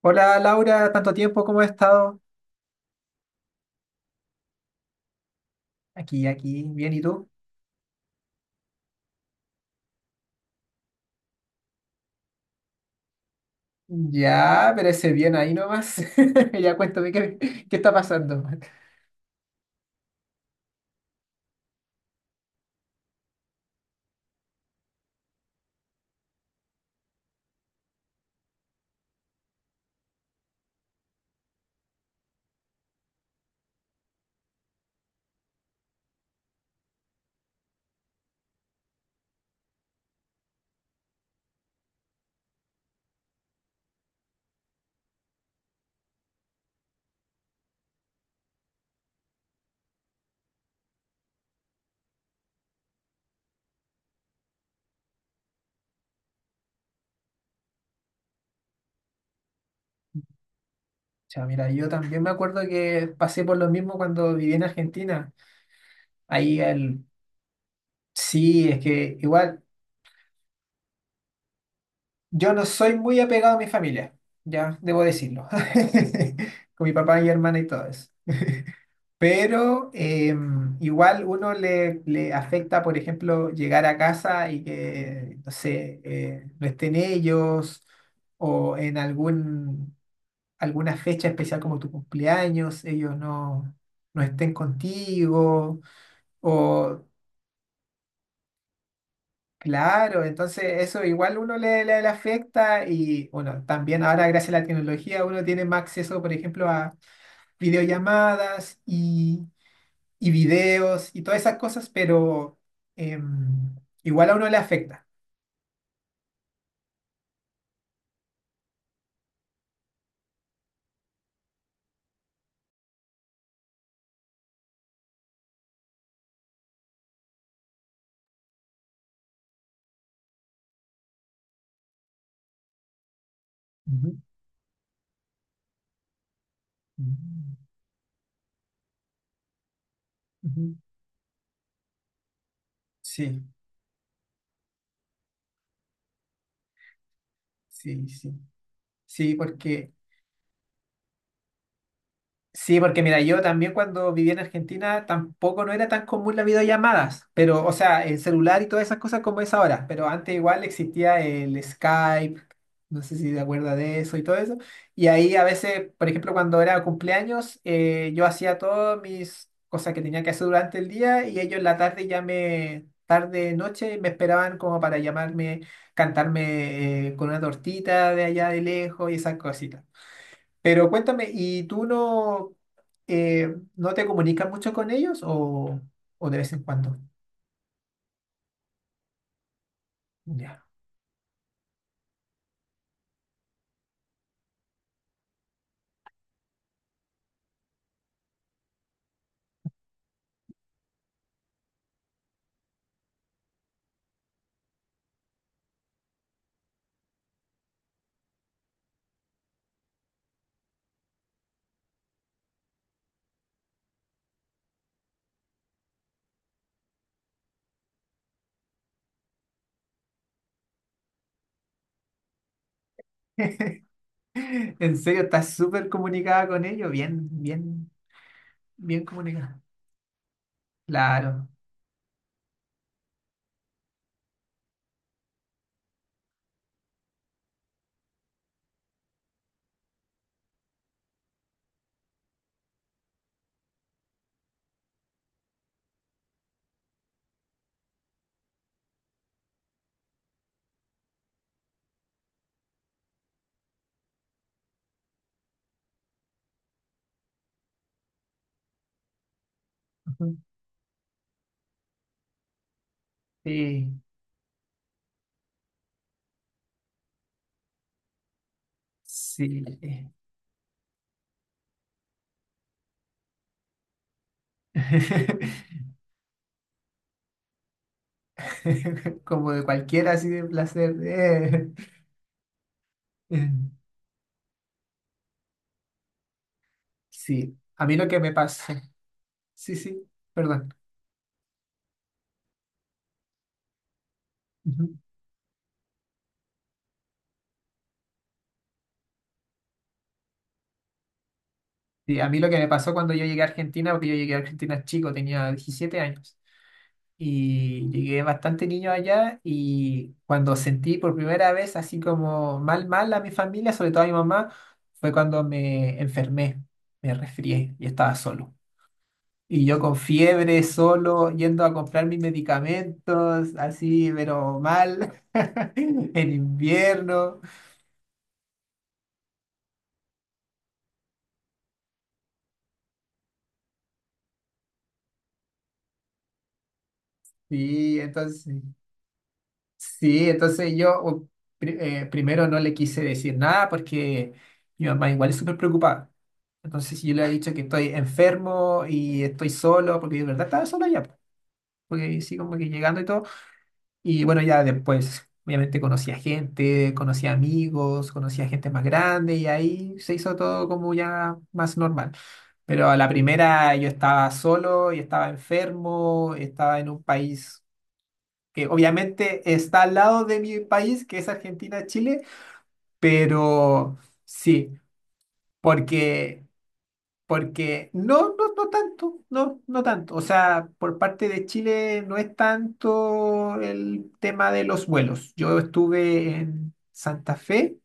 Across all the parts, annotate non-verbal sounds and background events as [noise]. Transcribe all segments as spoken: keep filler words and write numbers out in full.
Hola Laura, tanto tiempo, ¿cómo has estado? Aquí, aquí, bien, ¿y tú? Ya, pero ese bien ahí nomás. [laughs] Ya cuéntame qué, qué está pasando. Ya, mira, yo también me acuerdo que pasé por lo mismo cuando viví en Argentina. Ahí el... Sí, es que igual yo no soy muy apegado a mi familia, ya, debo decirlo. [laughs] Con mi papá y hermana y todo eso. Pero em, igual uno le, le afecta, por ejemplo, llegar a casa y que, no sé, eh, no estén ellos o en algún, alguna fecha especial como tu cumpleaños, ellos no, no estén contigo. O, claro, entonces eso igual uno le, le, le afecta y, bueno, también ahora gracias a la tecnología uno tiene más acceso, por ejemplo, a videollamadas y y videos y todas esas cosas, pero em, igual a uno le afecta. Ujú. Ujú. Sí, sí, sí. Sí, porque Sí, porque mira, yo también cuando vivía en Argentina tampoco no era tan común las videollamadas, pero, o sea, el celular y todas esas cosas como es ahora, pero antes igual existía el Skype, no sé si te acuerdas de eso y todo eso, y ahí a veces, por ejemplo, cuando era cumpleaños, eh, yo hacía todas mis cosas que tenía que hacer durante el día y ellos en la tarde ya me, tarde, noche, me esperaban como para llamarme, cantarme eh, con una tortita de allá de lejos y esas cositas. Pero cuéntame, ¿y tú no, eh, no te comunicas mucho con ellos o, o de vez en cuando? Ya. [laughs] En serio, estás súper comunicada con ellos, bien, bien, bien comunicada. Claro. Ujú. Sí, sí. [laughs] Como de cualquiera, así de placer. eh. Eh, Sí, a mí lo que me pasó. Sí, sí, perdón. Ujú. Sí, a mí lo que me pasó cuando yo llegué a Argentina, porque yo llegué a Argentina chico, tenía diecisiete años. Y llegué bastante niño allá y cuando sentí por primera vez así como mal, mal a mi familia, sobre todo a mi mamá, fue cuando me enfermé, me resfrié y estaba solo. Y yo con fiebre, solo, yendo a comprar mis medicamentos, así, pero mal, [laughs] en invierno. Y entonces, Sí, entonces yo u- pri- eh, primero no le quise decir nada porque mi mamá igual es súper preocupada. Entonces yo le he dicho que estoy enfermo y estoy solo, porque yo de verdad estaba solo ya, po, porque sí, como que llegando y todo. Y bueno, ya después, obviamente conocí a gente, conocí a amigos, conocí a gente más grande y ahí se hizo todo como ya más normal. Pero a la primera yo estaba solo y estaba enfermo, estaba en un país que obviamente está al lado de mi país, que es Argentina, Chile, pero sí, porque, porque no, no, no tanto, no, no tanto. O sea, por parte de Chile no es tanto el tema de los vuelos. Yo estuve en Santa Fe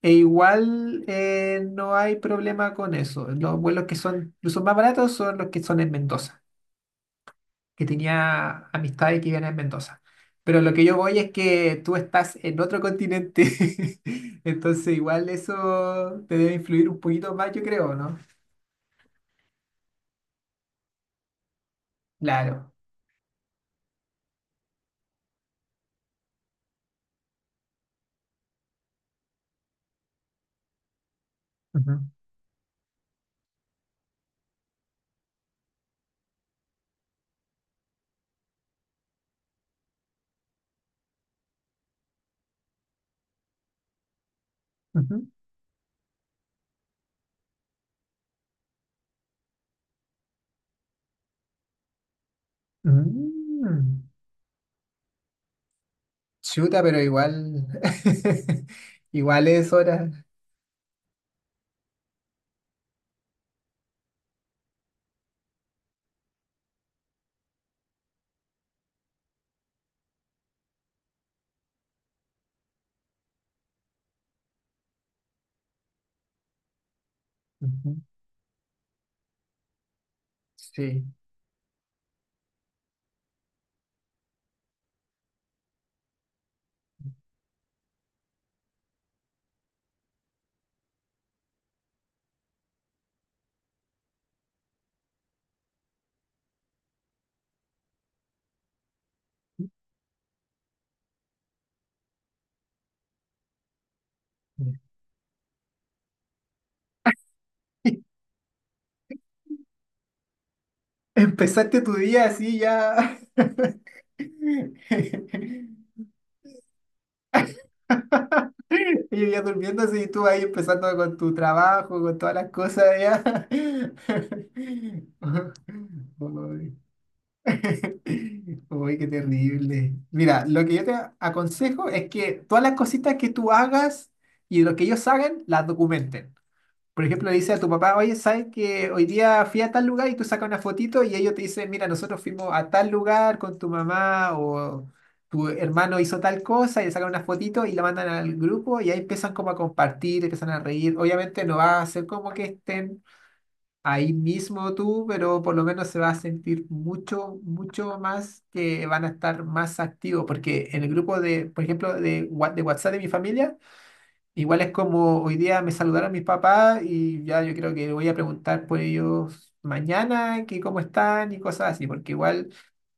e igual eh, no hay problema con eso. Los vuelos que son, los más baratos son los que son en Mendoza, que tenía amistades que vivían en Mendoza. Pero lo que yo voy es que tú estás en otro continente, [laughs] entonces igual eso te debe influir un poquito más, yo creo, ¿no? Claro. Ujú, ujú. Mm. Chuta, pero igual, [laughs] igual es hora. Ujú, sí. [laughs] Empezaste tu día así ya. [laughs] [laughs] Y yo ya durmiendo así, y tú ahí empezando con tu trabajo, con todas las cosas ya. [laughs] Uy, uy, qué terrible. Mira, lo que yo te aconsejo es que todas las cositas que tú hagas y lo que ellos hagan, las documenten. Por ejemplo, le dices a tu papá, oye, ¿sabes que hoy día fui a tal lugar y tú sacas una fotito y ellos te dicen, mira, nosotros fuimos a tal lugar con tu mamá o tu hermano hizo tal cosa y le sacan una fotito y la mandan al grupo y ahí empiezan como a compartir, empiezan a reír? Obviamente no va a ser como que estén ahí mismo tú, pero por lo menos se va a sentir mucho, mucho más que van a estar más activos porque en el grupo de, por ejemplo, de, Wha- de WhatsApp de mi familia. Igual es como hoy día me saludaron mis papás y ya yo creo que voy a preguntar por ellos mañana, que cómo están y cosas así, porque igual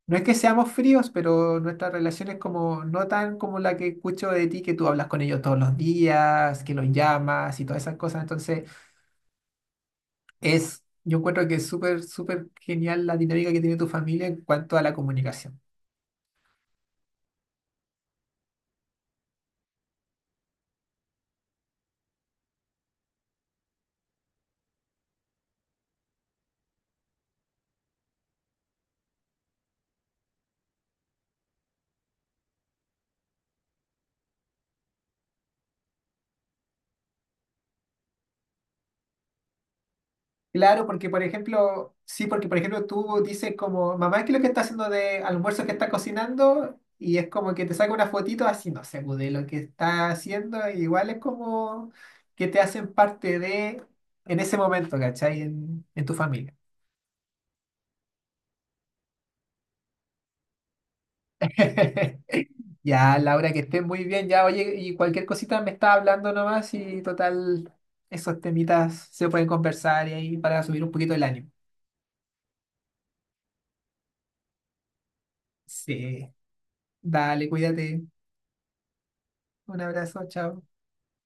no es que seamos fríos, pero nuestra relación es como no tan como la que escucho de ti, que tú hablas con ellos todos los días, que los llamas y todas esas cosas. Entonces es, yo encuentro que es súper, súper genial la dinámica que tiene tu familia en cuanto a la comunicación. Claro, porque por ejemplo, sí, porque por ejemplo tú dices como, mamá, ¿qué es lo que está haciendo de almuerzo que está cocinando? Y es como que te saca una fotito así, no sé, pues, de lo que está haciendo, e igual es como que te hacen parte de, en ese momento, ¿cachai? En, en tu familia. [laughs] Ya, Laura, que estés muy bien, ya, oye, y cualquier cosita me está hablando nomás y total, esos temitas se pueden conversar y ahí para subir un poquito el ánimo. Sí, dale, cuídate. Un abrazo, chao.